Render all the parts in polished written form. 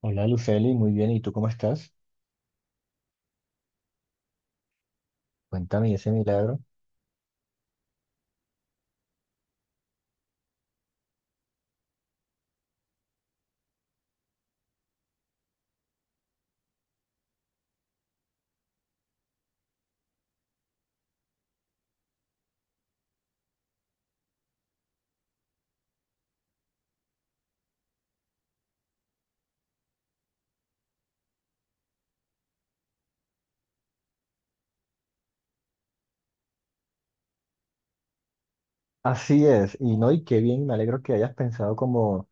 Hola Luceli, muy bien, ¿y tú cómo estás? Cuéntame ese milagro. Así es, y no, y qué bien, me alegro que hayas pensado como,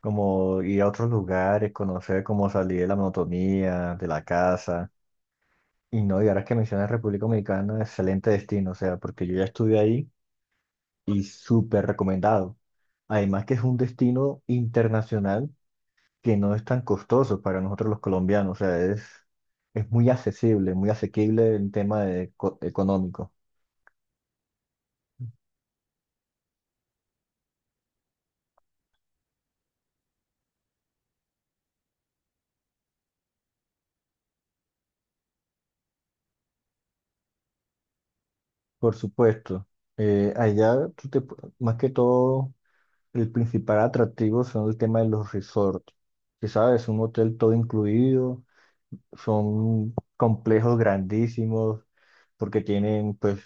como ir a otros lugares, conocer cómo salir de la monotonía, de la casa. Y no, y ahora que mencionas República Dominicana, excelente destino, o sea, porque yo ya estuve ahí y súper recomendado. Además que es un destino internacional que no es tan costoso para nosotros los colombianos, o sea, es muy accesible, muy asequible en tema de, económico. Por supuesto. Allá, más que todo, el principal atractivo son el tema de los resorts. Que sabes, un hotel todo incluido, son complejos grandísimos, porque tienen pues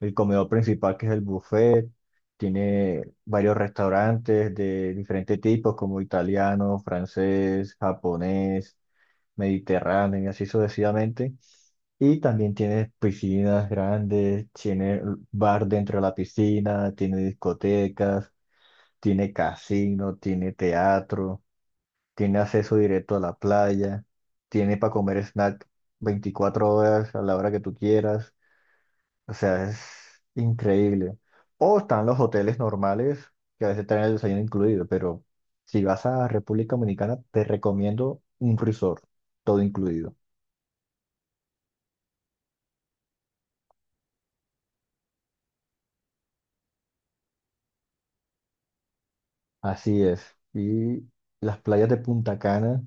el comedor principal que es el buffet, tiene varios restaurantes de diferentes tipos como italiano, francés, japonés, mediterráneo y así sucesivamente. Y también tiene piscinas grandes, tiene bar dentro de la piscina, tiene discotecas, tiene casino, tiene teatro, tiene acceso directo a la playa, tiene para comer snack 24 horas a la hora que tú quieras. O sea, es increíble. O están los hoteles normales, que a veces traen el desayuno incluido, pero si vas a República Dominicana, te recomiendo un resort, todo incluido. Así es. Y las playas de Punta Cana,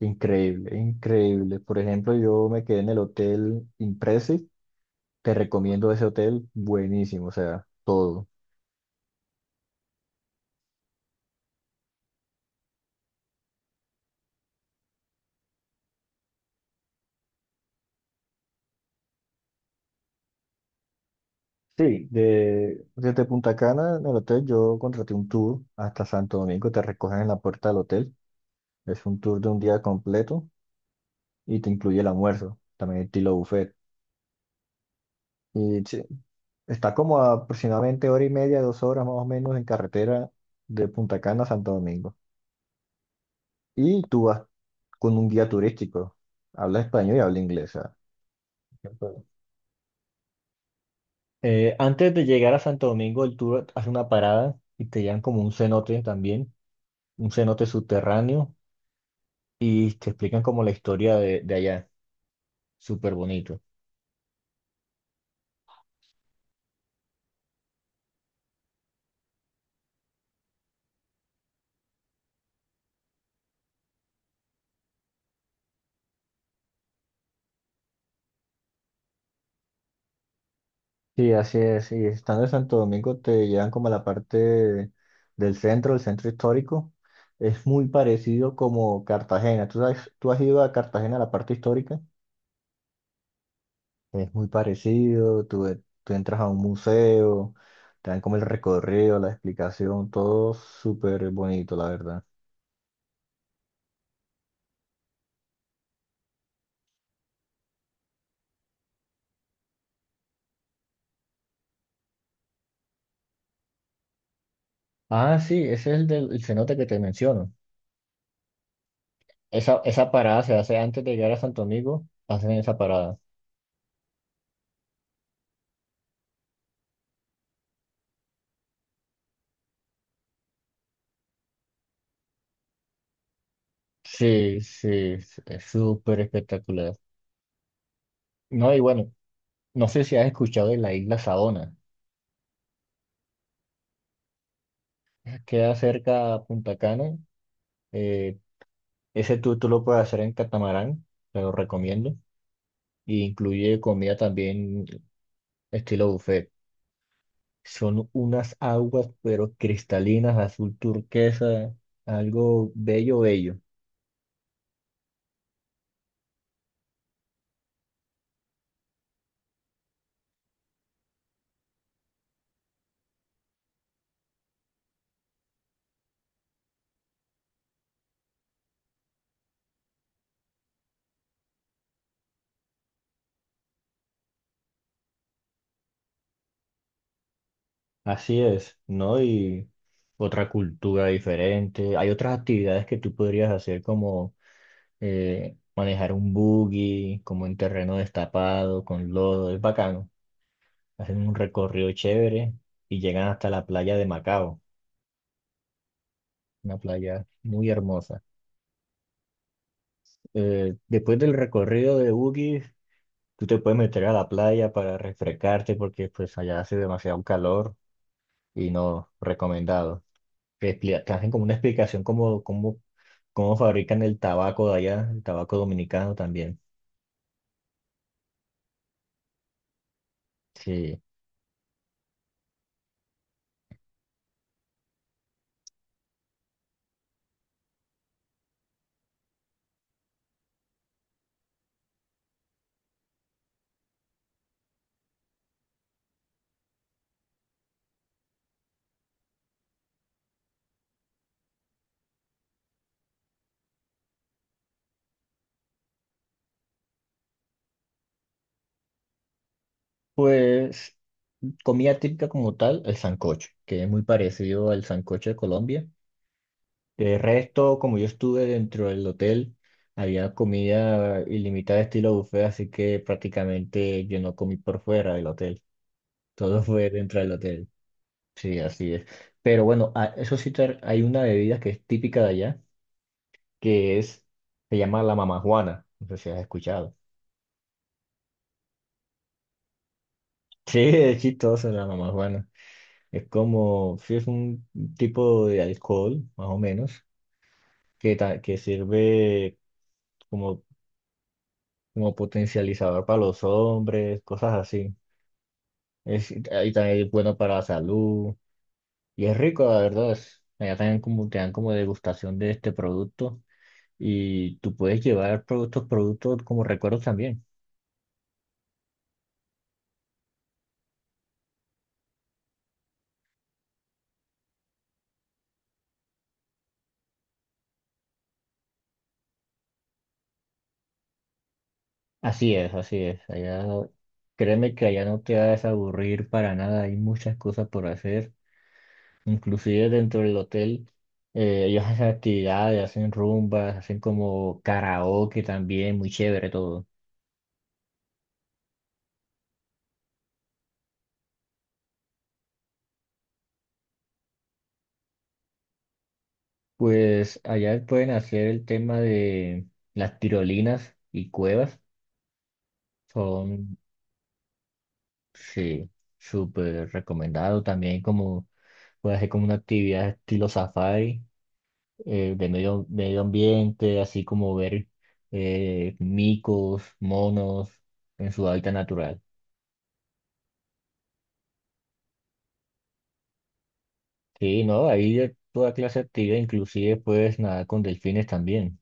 increíble, increíble. Por ejemplo, yo me quedé en el hotel Impresi. Te recomiendo ese hotel, buenísimo, o sea, todo. Sí, desde Punta Cana, en el hotel, yo contraté un tour hasta Santo Domingo. Te recogen en la puerta del hotel. Es un tour de un día completo y te incluye el almuerzo, también estilo buffet. Y sí, está como a aproximadamente hora y media, 2 horas más o menos en carretera de Punta Cana a Santo Domingo. Y tú vas con un guía turístico. Habla español y habla inglés, o sea. Antes de llegar a Santo Domingo, el tour hace una parada y te llevan como un cenote también, un cenote subterráneo, y te explican como la historia de allá. Súper bonito. Sí, así es. Y estando en Santo Domingo, te llevan como a la parte del centro, el centro histórico. Es muy parecido como Cartagena. Tú has ido a Cartagena, a la parte histórica? Es muy parecido, tú, tú entras a un museo, te dan como el recorrido, la explicación, todo súper bonito, la verdad. Ah, sí, ese es el del el cenote que te menciono. Esa parada se hace antes de llegar a Santo Domingo, hacen esa parada. Sí, sí, es súper espectacular. No, y bueno, no sé si has escuchado de la isla Saona. Queda cerca a Punta Cana. eh, Ese tú lo puedes hacer en catamarán, te lo recomiendo. Y incluye comida también estilo buffet. Son unas aguas, pero cristalinas, azul turquesa, algo bello, bello. Así es, ¿no? Y otra cultura diferente. Hay otras actividades que tú podrías hacer como manejar un buggy, como en terreno destapado, con lodo, es bacano. Hacen un recorrido chévere y llegan hasta la playa de Macao, una playa muy hermosa. Después del recorrido de buggy, tú te puedes meter a la playa para refrescarte porque pues allá hace demasiado calor y no recomendado. Te hacen como una explicación cómo fabrican el tabaco de allá, el tabaco dominicano también. Sí. Pues comida típica como tal, el sancocho, que es muy parecido al sancocho de Colombia. De resto, como yo estuve dentro del hotel, había comida ilimitada estilo buffet, así que prácticamente yo no comí por fuera del hotel. Todo fue dentro del hotel. Sí, así es. Pero bueno, eso sí, hay una bebida que es típica de allá, que es, se llama la mamajuana. No sé si has escuchado. Sí, es chistoso la mamajuana. Es como, sí, es un tipo de alcohol, más o menos, que sirve como, como potencializador para los hombres, cosas así. Es, ahí también es bueno para la salud. Y es rico, la verdad. Allá también como, te dan como degustación de este producto, y tú puedes llevar productos, productos como recuerdos también. Así es, así es. Allá, créeme que allá no te vas a aburrir para nada. Hay muchas cosas por hacer. Inclusive dentro del hotel, ellos hacen actividades, hacen rumbas, hacen como karaoke también, muy chévere todo. Pues allá pueden hacer el tema de las tirolinas y cuevas. Son, sí, súper recomendado también como, puede hacer como una actividad estilo safari, de medio ambiente, así como ver micos, monos en su hábitat natural. Sí, no, hay de toda clase de actividad, inclusive puedes nadar con delfines también.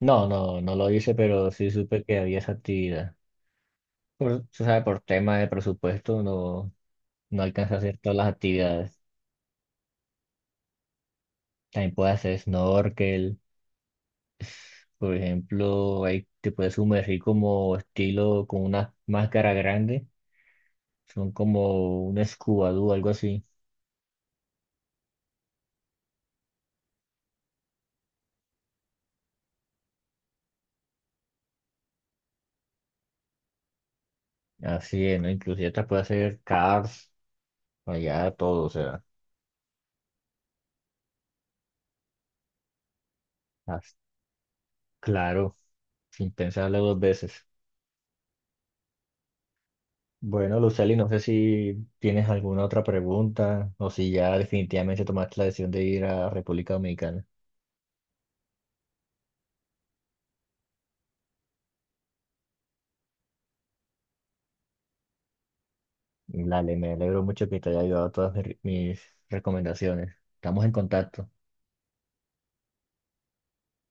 No, no, no lo hice, pero sí supe que había esa actividad. Por, tú sabes, por tema de presupuesto no, no alcanza a hacer todas las actividades. También puedes hacer snorkel. Por ejemplo, ahí te puedes sumergir como estilo con una máscara grande. Son como un Scooby algo así. Así es, ¿no? Inclusive te puede hacer Cars, allá todo, o sea, as- claro, sin pensarlo 2 veces. Bueno, Luceli, no sé si tienes alguna otra pregunta o si ya definitivamente tomaste la decisión de ir a República Dominicana. Dale, me alegro mucho que te haya ayudado todas mis recomendaciones. Estamos en contacto.